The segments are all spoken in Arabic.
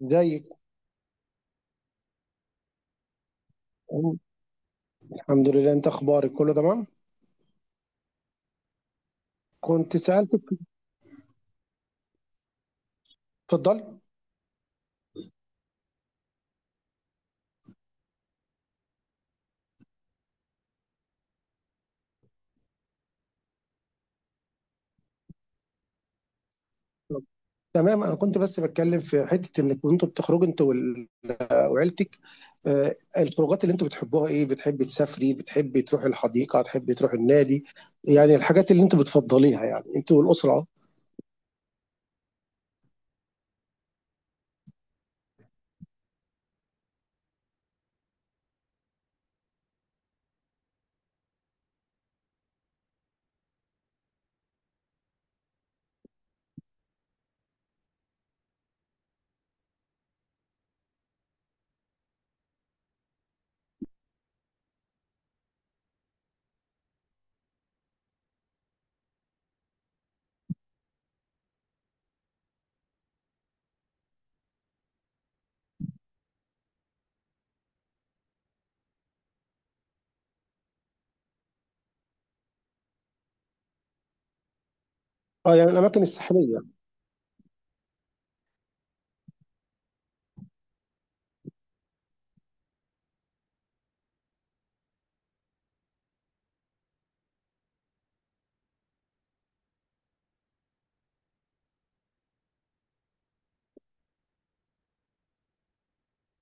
زيك. الحمد لله، انت اخبارك كله تمام. كنت سألتك. اتفضلي. تمام، انا كنت بس بتكلم في حتة انك كنتوا بتخرجوا انت وعيلتك. الخروجات اللي انتوا بتحبوها ايه؟ بتحبي تسافري؟ بتحبي تروحي الحديقة؟ تحبي تروحي النادي؟ يعني الحاجات اللي انتوا بتفضليها، يعني انتوا والأسرة. اه. يعني الاماكن الساحلية.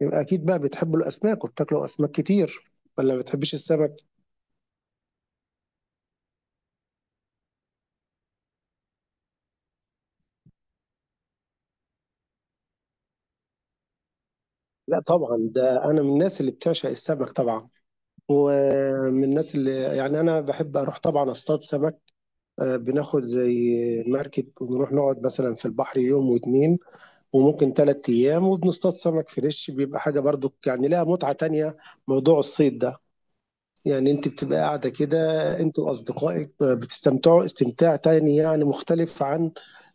يبقى اكيد بقى بتحبوا الاسماك وبتاكلوا اسماك كتير، ولا ما بتحبيش السمك؟ لا طبعا، ده انا من الناس اللي بتعشق السمك طبعا. ومن الناس اللي، يعني انا بحب اروح طبعا اصطاد سمك. بناخد زي مركب ونروح نقعد مثلا في البحر يوم واتنين، وممكن تلات أيام، وبنصطاد سمك فريش. بيبقى حاجة برضو يعني لها متعة تانية، موضوع الصيد ده. يعني انت بتبقى قاعدة كده انت وأصدقائك، بتستمتعوا استمتاع تاني يعني مختلف عن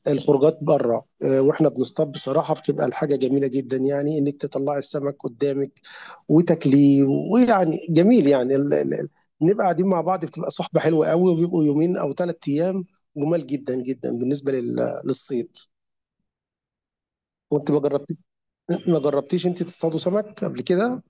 الخروجات بره. واحنا بنصطاد بصراحه بتبقى الحاجه جميله جدا، يعني انك تطلعي السمك قدامك وتاكليه. ويعني جميل يعني بنبقى قاعدين مع بعض، بتبقى صحبه حلوه قوي، وبيبقوا يومين او ثلاث ايام. جمال جدا جدا بالنسبه للصيد. وانت ما جربتيش؟ ما جربتيش انت تصطادوا سمك قبل كده؟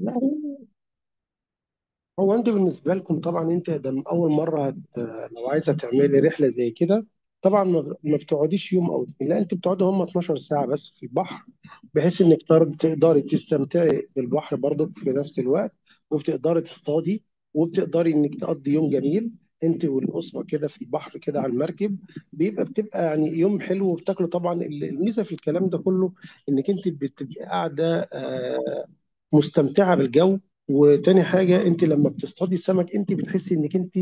لا، هو انت بالنسبه لكم طبعا انت ده من اول مره هت... لو عايزه تعملي رحله زي كده، طبعا ما بتقعديش يوم او اتنين، لا انت بتقعدي هم 12 ساعه بس في البحر، بحيث انك تقدري تستمتعي بالبحر برضك في نفس الوقت، وبتقدري تصطادي، وبتقدري انك تقضي يوم جميل انت والاسره كده في البحر كده على المركب. بيبقى بتبقى يعني يوم حلو وبتاكلوا طبعا. الميزه في الكلام ده كله انك انت بتبقي قاعده، مستمتعه بالجو. وتاني حاجه، انت لما بتصطادي السمك انت بتحسي انك انت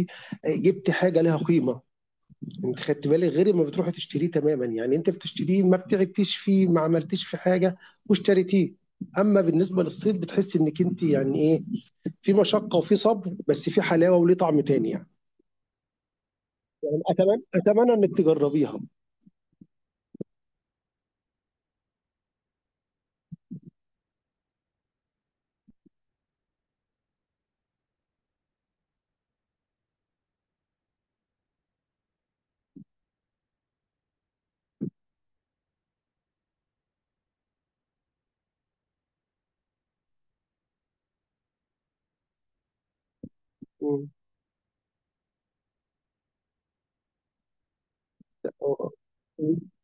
جبت حاجه لها قيمه. انت خدت بالك؟ غير ما بتروحي تشتريه تماما، يعني انت بتشتريه ما بتعبتيش فيه، ما عملتيش في حاجه واشتريتيه. اما بالنسبه للصيد بتحسي انك انت يعني ايه، في مشقه وفي صبر، بس في حلاوه وليه طعم تاني يعني. يعني اتمنى انك تجربيها.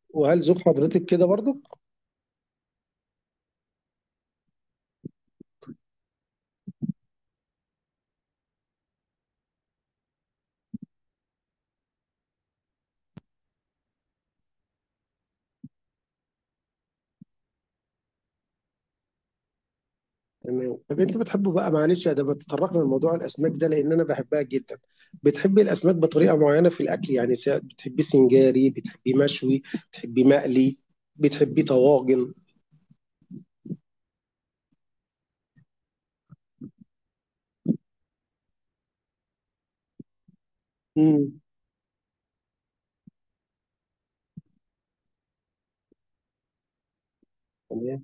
وهل ذوق حضرتك كده برضو؟ تمام. طب انت بتحبه بقى، معلش يا ده ما تطرقنا لموضوع الاسماك ده لان انا بحبها جدا. بتحبي الاسماك بطريقه معينه في الاكل؟ يعني بتحبيه سنجاري؟ بتحبيه مشوي؟ بتحبيه مقلي؟ بتحبيه طواجن؟ امم تمام.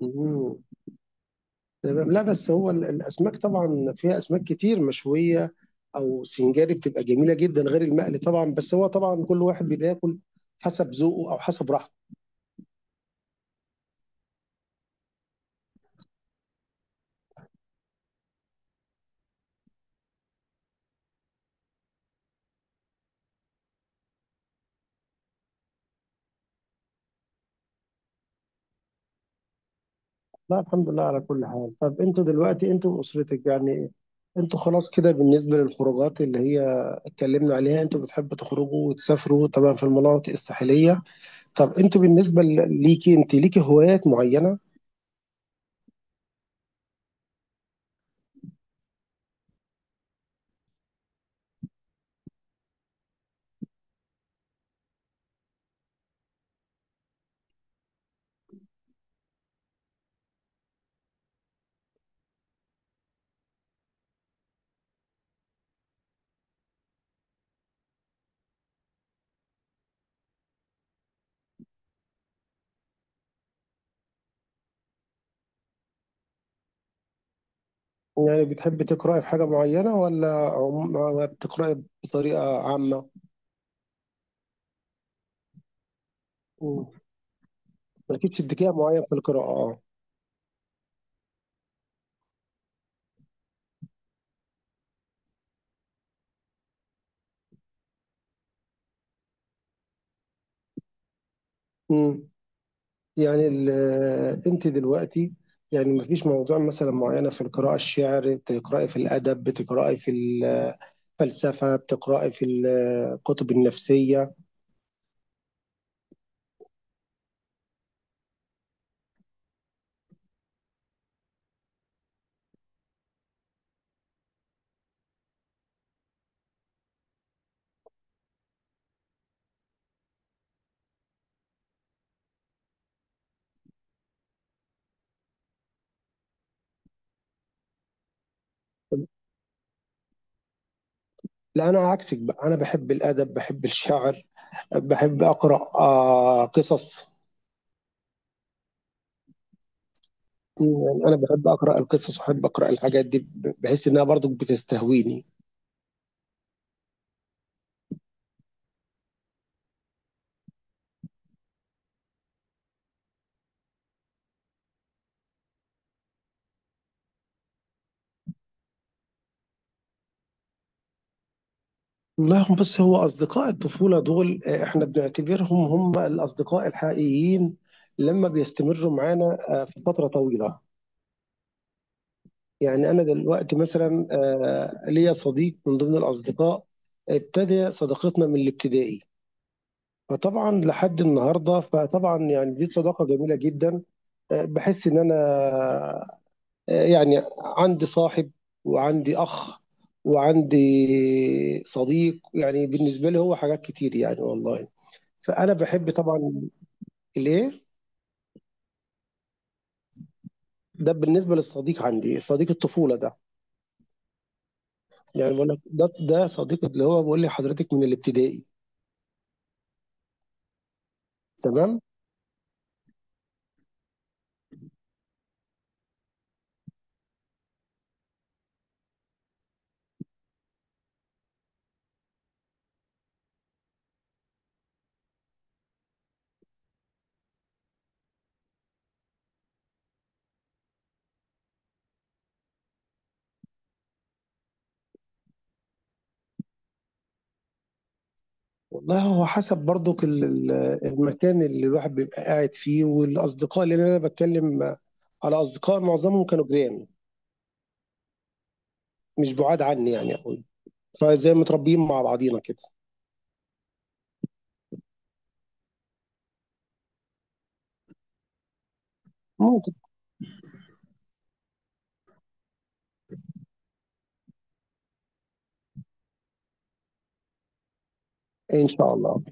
امم تمام. لا بس هو الاسماك طبعا فيها اسماك كتير مشويه او سنجاري، بتبقى جميله جدا غير المقلي طبعا. بس هو طبعا كل واحد بياكل حسب ذوقه او حسب راحته. لا الحمد لله على كل حال. طب انتوا دلوقتي انتوا واسرتك، يعني انتوا خلاص كده بالنسبه للخروجات اللي هي اتكلمنا عليها، انتوا بتحبوا تخرجوا وتسافروا طبعا في المناطق الساحليه. طب انتوا بالنسبه ليكي انت، ليكي هوايات معينه؟ يعني بتحبي تقراي في حاجه معينه، ولا بتقراي بطريقه عامه؟ مم. مالكيش اتجاه معين في القراءه اه. مم. يعني انت دلوقتي، يعني مفيش موضوع مثلا معينه في القراءه؟ الشعر بتقراي في الادب؟ بتقراي في ال فلسفة بتقرأي في الكتب النفسية؟ لا أنا عكسك بقى، أنا بحب الأدب، بحب الشعر، بحب أقرأ قصص. يعني أنا بحب أقرأ القصص وأحب أقرأ الحاجات دي، بحس إنها برضو بتستهويني. لا هم، بس هو أصدقاء الطفولة دول إحنا بنعتبرهم هم الأصدقاء الحقيقيين لما بيستمروا معانا في فترة طويلة. يعني أنا دلوقتي مثلا ليا صديق من ضمن الأصدقاء، ابتدى صداقتنا من الابتدائي، فطبعا لحد النهارده، فطبعا يعني دي صداقه جميله جدا. بحس ان انا يعني عندي صاحب، وعندي اخ، وعندي صديق، يعني بالنسبه لي هو حاجات كتير يعني والله. فانا بحب طبعا الايه. ده بالنسبه للصديق، عندي صديق الطفوله ده. يعني بقول لك ده صديق اللي هو بيقول لي حضرتك من الابتدائي. تمام. والله هو حسب برضو المكان اللي الواحد بيبقى قاعد فيه، والاصدقاء اللي انا بتكلم على أصدقاء، معظمهم كانوا جيران، مش بُعاد عني يعني أوي، فزي متربيين مع بعضينا كده. ممكن إن شاء الله.